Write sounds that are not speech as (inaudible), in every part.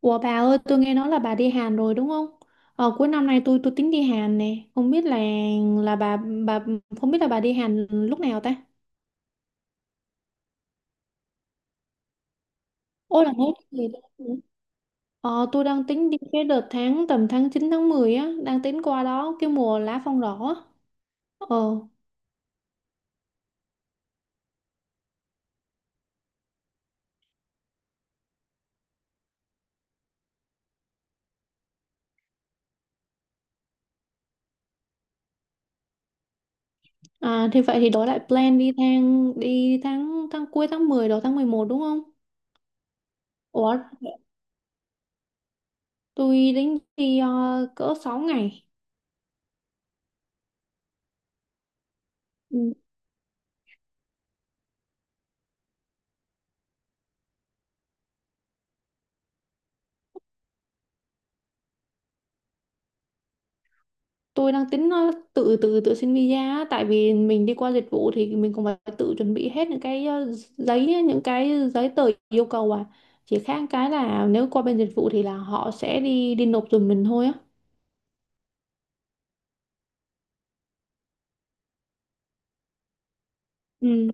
Ủa bà ơi, tôi nghe nói là bà đi Hàn rồi đúng không? Cuối năm nay tôi tính đi Hàn nè, không biết là bà không biết là bà đi Hàn lúc nào ta? Ôi là nói gì đó. Ờ, tôi đang tính đi cái đợt tháng tầm tháng 9 tháng 10 á, đang tính qua đó cái mùa lá phong đỏ á. Ờ, thì vậy thì đổi lại plan đi tháng tháng cuối tháng 10 đầu tháng 11 đúng không? Ủa, tôi tính đi cỡ 6 ngày. Ừ. Tôi đang tính tự tự tự xin visa á, tại vì mình đi qua dịch vụ thì mình cũng phải tự chuẩn bị hết những cái giấy á, những cái giấy tờ yêu cầu à, chỉ khác cái là nếu qua bên dịch vụ thì là họ sẽ đi đi nộp giùm mình thôi á. Ừ.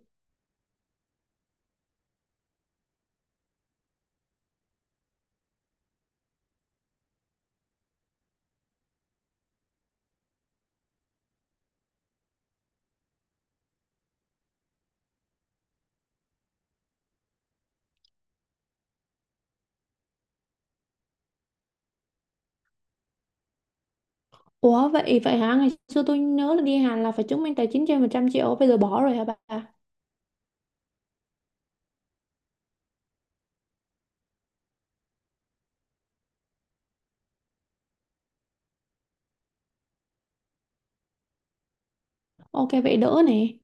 Ủa vậy vậy hả, ngày xưa tôi nhớ là đi Hàn là phải chứng minh tài chính trên 100 triệu, bây giờ bỏ rồi hả bà? OK vậy đỡ này,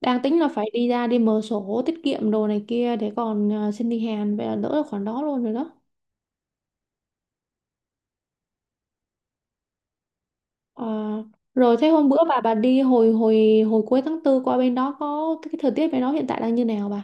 đang tính là phải đi ra đi mở sổ tiết kiệm đồ này kia để còn xin đi Hàn, vậy là đỡ được khoản đó luôn rồi đó. Ờ, rồi thế hôm bữa bà đi hồi hồi hồi cuối tháng 4 qua bên đó, có cái thời tiết bên đó hiện tại đang như nào bà?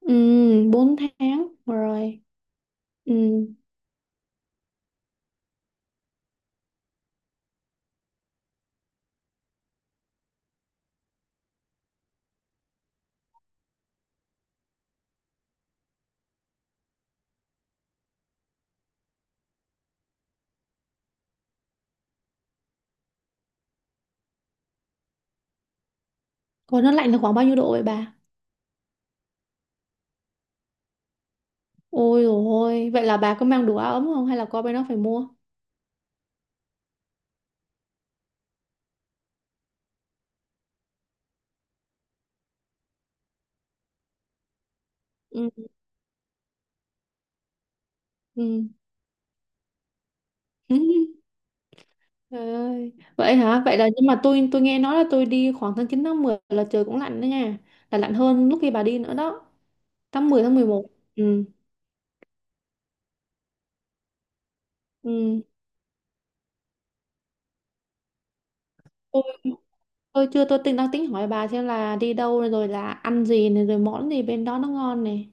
Ừ, 4 tháng rồi. Ừ. Còn nó lạnh là khoảng bao nhiêu độ vậy bà? Ôi dồi ôi, vậy là bà có mang đủ áo ấm không hay là qua bên đó phải mua? Ừ. Ừ. (laughs) Trời ơi. Vậy hả? Vậy là nhưng mà tôi nghe nói là tôi đi khoảng tháng 9 tháng 10 là trời cũng lạnh đó nha. Là lạnh hơn lúc khi bà đi nữa đó. Tháng 11. Ừ. Ừ. Tôi Tôi chưa, tôi đang tính hỏi bà xem là đi đâu rồi là ăn gì này rồi món gì bên đó nó ngon này.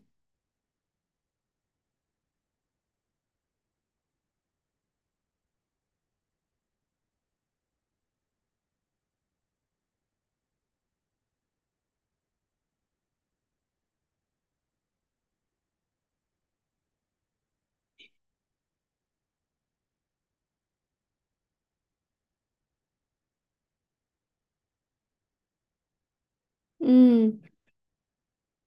Ừ.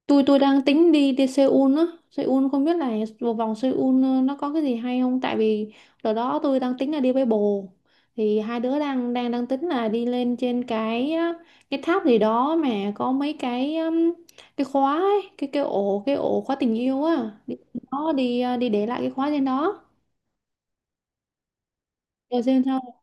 Tôi đang tính đi đi Seoul á. Seoul không biết là vào vòng Seoul nó có cái gì hay không, tại vì đợt đó tôi đang tính là đi với bồ. Thì hai đứa đang đang đang tính là đi lên trên cái á, cái tháp gì đó mà có mấy cái khóa ấy, cái ổ khóa tình yêu á. Đi, đó đi à, đi để lại cái khóa trên đó. Rồi xem sao.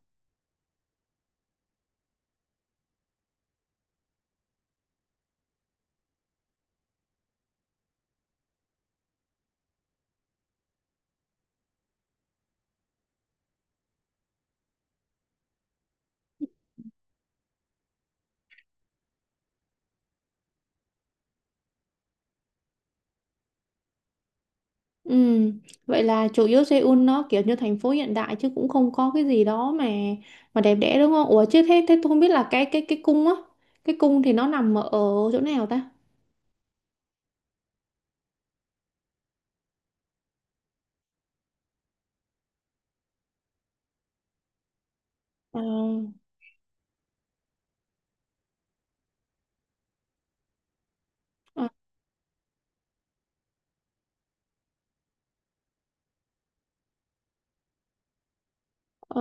Ừ, vậy là chủ yếu Seoul nó kiểu như thành phố hiện đại chứ cũng không có cái gì đó mà đẹp đẽ đúng không? Ủa chứ thế thế tôi không biết là cái cung á, cái cung thì nó nằm ở chỗ nào ta? À, à, à,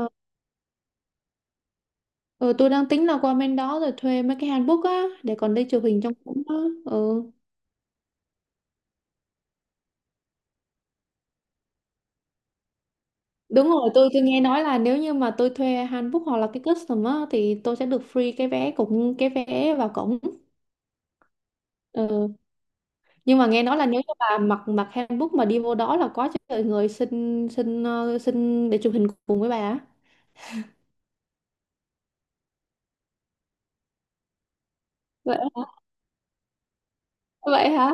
ừ, tôi đang tính là qua bên đó rồi thuê mấy cái hanbok á để còn đi chụp hình trong cung á. Ừ. Đúng rồi, tôi nghe nói là nếu như mà tôi thuê hanbok hoặc là cái custom á thì tôi sẽ được free cái vé, cũng cái vé vào cổng. Ừ. Nhưng mà nghe nói là nếu như bà mặc mặc handbook mà đi vô đó là có trời người xin xin ờ, xin để chụp hình cùng với bà á. Vậy hả? Vậy hả?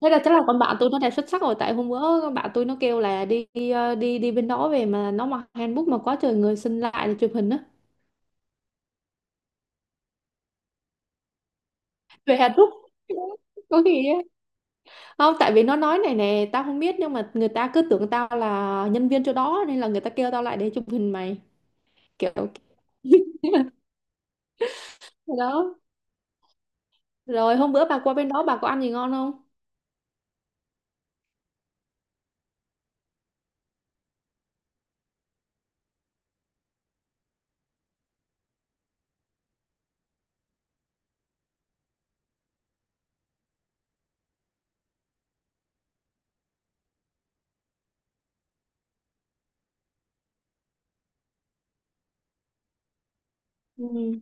Thế là chắc là con bạn tôi nó đẹp xuất sắc rồi, tại hôm bữa con bạn tôi nó kêu là đi đi ờ, đi, đi bên đó về mà nó mặc handbook mà quá trời người xin lại để chụp hình á. Về handbook có gì á, không tại vì nó nói này nè, tao không biết nhưng mà người ta cứ tưởng tao là nhân viên chỗ đó nên là người ta kêu tao lại để chụp hình mày, kiểu. (laughs) đó. Rồi hôm bữa bà qua bên đó bà có ăn gì ngon không? Ừ.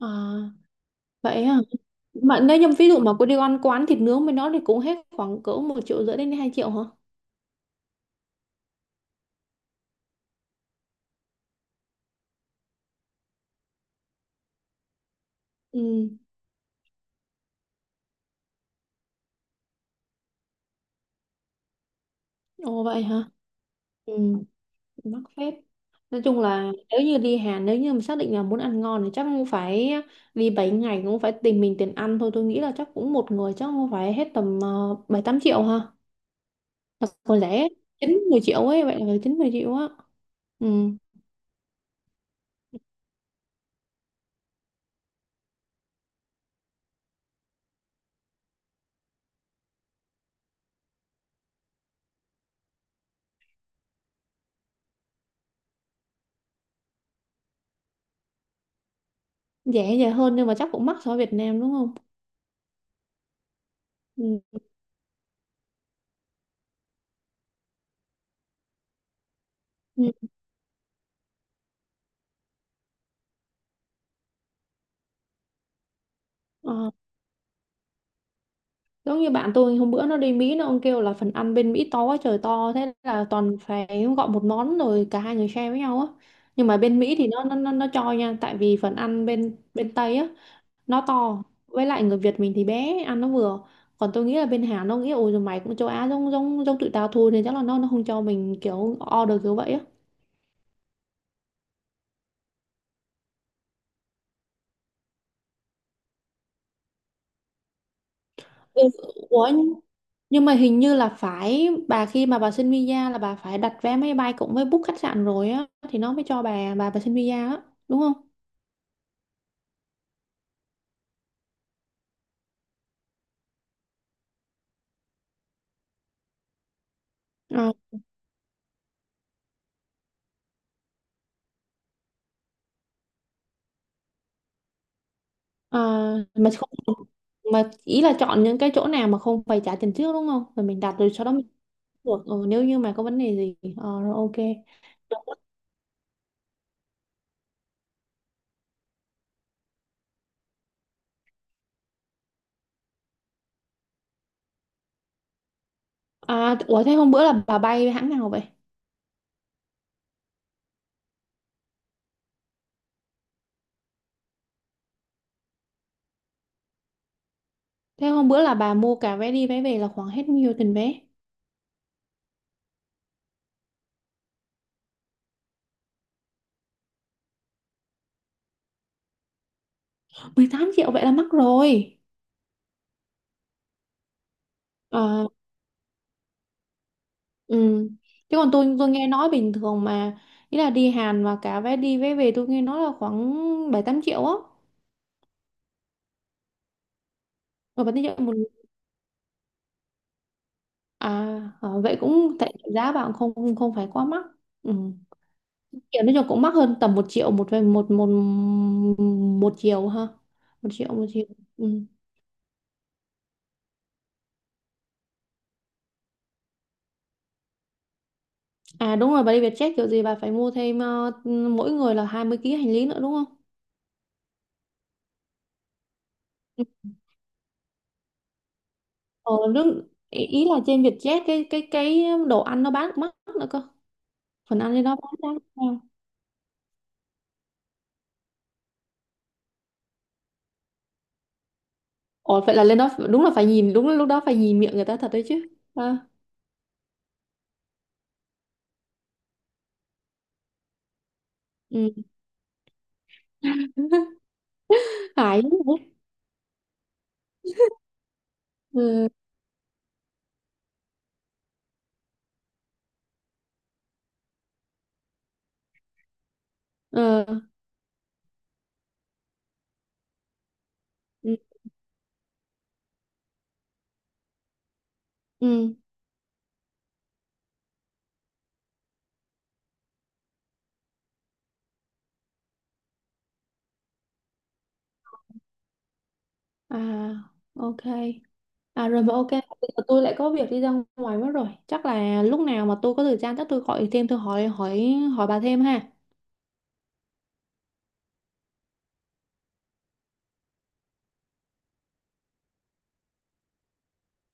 À, vậy à. Mà nếu như ví dụ mà cô đi ăn quán thịt nướng với nó thì cũng hết khoảng cỡ 1 triệu rưỡi đến 2 triệu hả? Ừ. Ồ vậy hả? Ừ, mắc phép. Nói chung là nếu như đi Hàn, nếu như mà xác định là muốn ăn ngon thì chắc cũng phải đi 7 ngày, cũng phải tìm mình tiền ăn thôi. Tôi nghĩ là chắc cũng một người chắc cũng phải hết tầm 7 8 triệu ha. Là còn rẻ 9-10 triệu ấy, vậy là 9-10 triệu á. Ừ, rẻ rẻ hơn nhưng mà chắc cũng mắc so với Việt Nam đúng không? Ừ. Ừ. Ờ. Giống như bạn tôi hôm bữa nó đi Mỹ, nó ông kêu là phần ăn bên Mỹ to quá trời to, thế là toàn phải gọi một món rồi cả hai người share với nhau á. Nhưng mà bên Mỹ thì nó cho nha, tại vì phần ăn bên bên Tây á nó to, với lại người Việt mình thì bé ăn nó vừa. Còn tôi nghĩ là bên Hàn nó nghĩ ôi rồi mày cũng châu Á giống giống giống tụi tao thôi nên chắc là nó không cho mình kiểu order kiểu vậy á. Ừ. Ủa, nhưng mà hình như là phải, bà khi mà bà xin visa là bà phải đặt vé máy bay cũng với book khách sạn rồi á thì nó mới cho bà xin visa á, đúng không? Ờ, ờ, mà không, mà ý là chọn những cái chỗ nào mà không phải trả tiền trước đúng không? Rồi mình đặt rồi sau đó mình được, ừ, nếu như mà có vấn đề gì rồi OK. À, ủa thế hôm bữa là bà bay hãng nào vậy? Thế hôm bữa là bà mua cả vé đi vé về là khoảng hết nhiêu tiền vé? 18 triệu vậy là mắc rồi. Ờ. Ừ. Chứ còn tôi nghe nói bình thường mà, ý là đi Hàn và cả vé đi vé về tôi nghe nói là khoảng 7-8 triệu á. Rồi 7-8 triệu một, à ờ, vậy cũng tại giá bạn không không không phải quá mắc. Ừ. Kiểu nói chung cũng mắc hơn tầm 1 triệu một về một một một chiều ha. 1 triệu một chiều. Ừ. À đúng rồi, bà đi Vietjet kiểu gì bà phải mua thêm mỗi người là 20 kg hành lý nữa đúng không? Ừ. Ờ, nước, ý ý là trên Vietjet cái đồ ăn nó bán cũng mắc nữa cơ. Phần ăn lên đó bán giá cao. Ồ vậy là lên đó đúng là phải nhìn, đúng là lúc đó phải nhìn miệng người ta thật đấy chứ. À, ừ. (laughs) phải. Ừ. Ờ. Ừ. Ừ. À OK, à rồi mà OK bây giờ tôi lại có việc đi ra ngoài mất rồi, chắc là lúc nào mà tôi có thời gian chắc tôi gọi thêm, tôi hỏi hỏi hỏi bà thêm ha.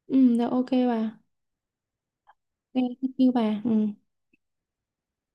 Ừ rồi OK bà. OK thank you bà. Ừ.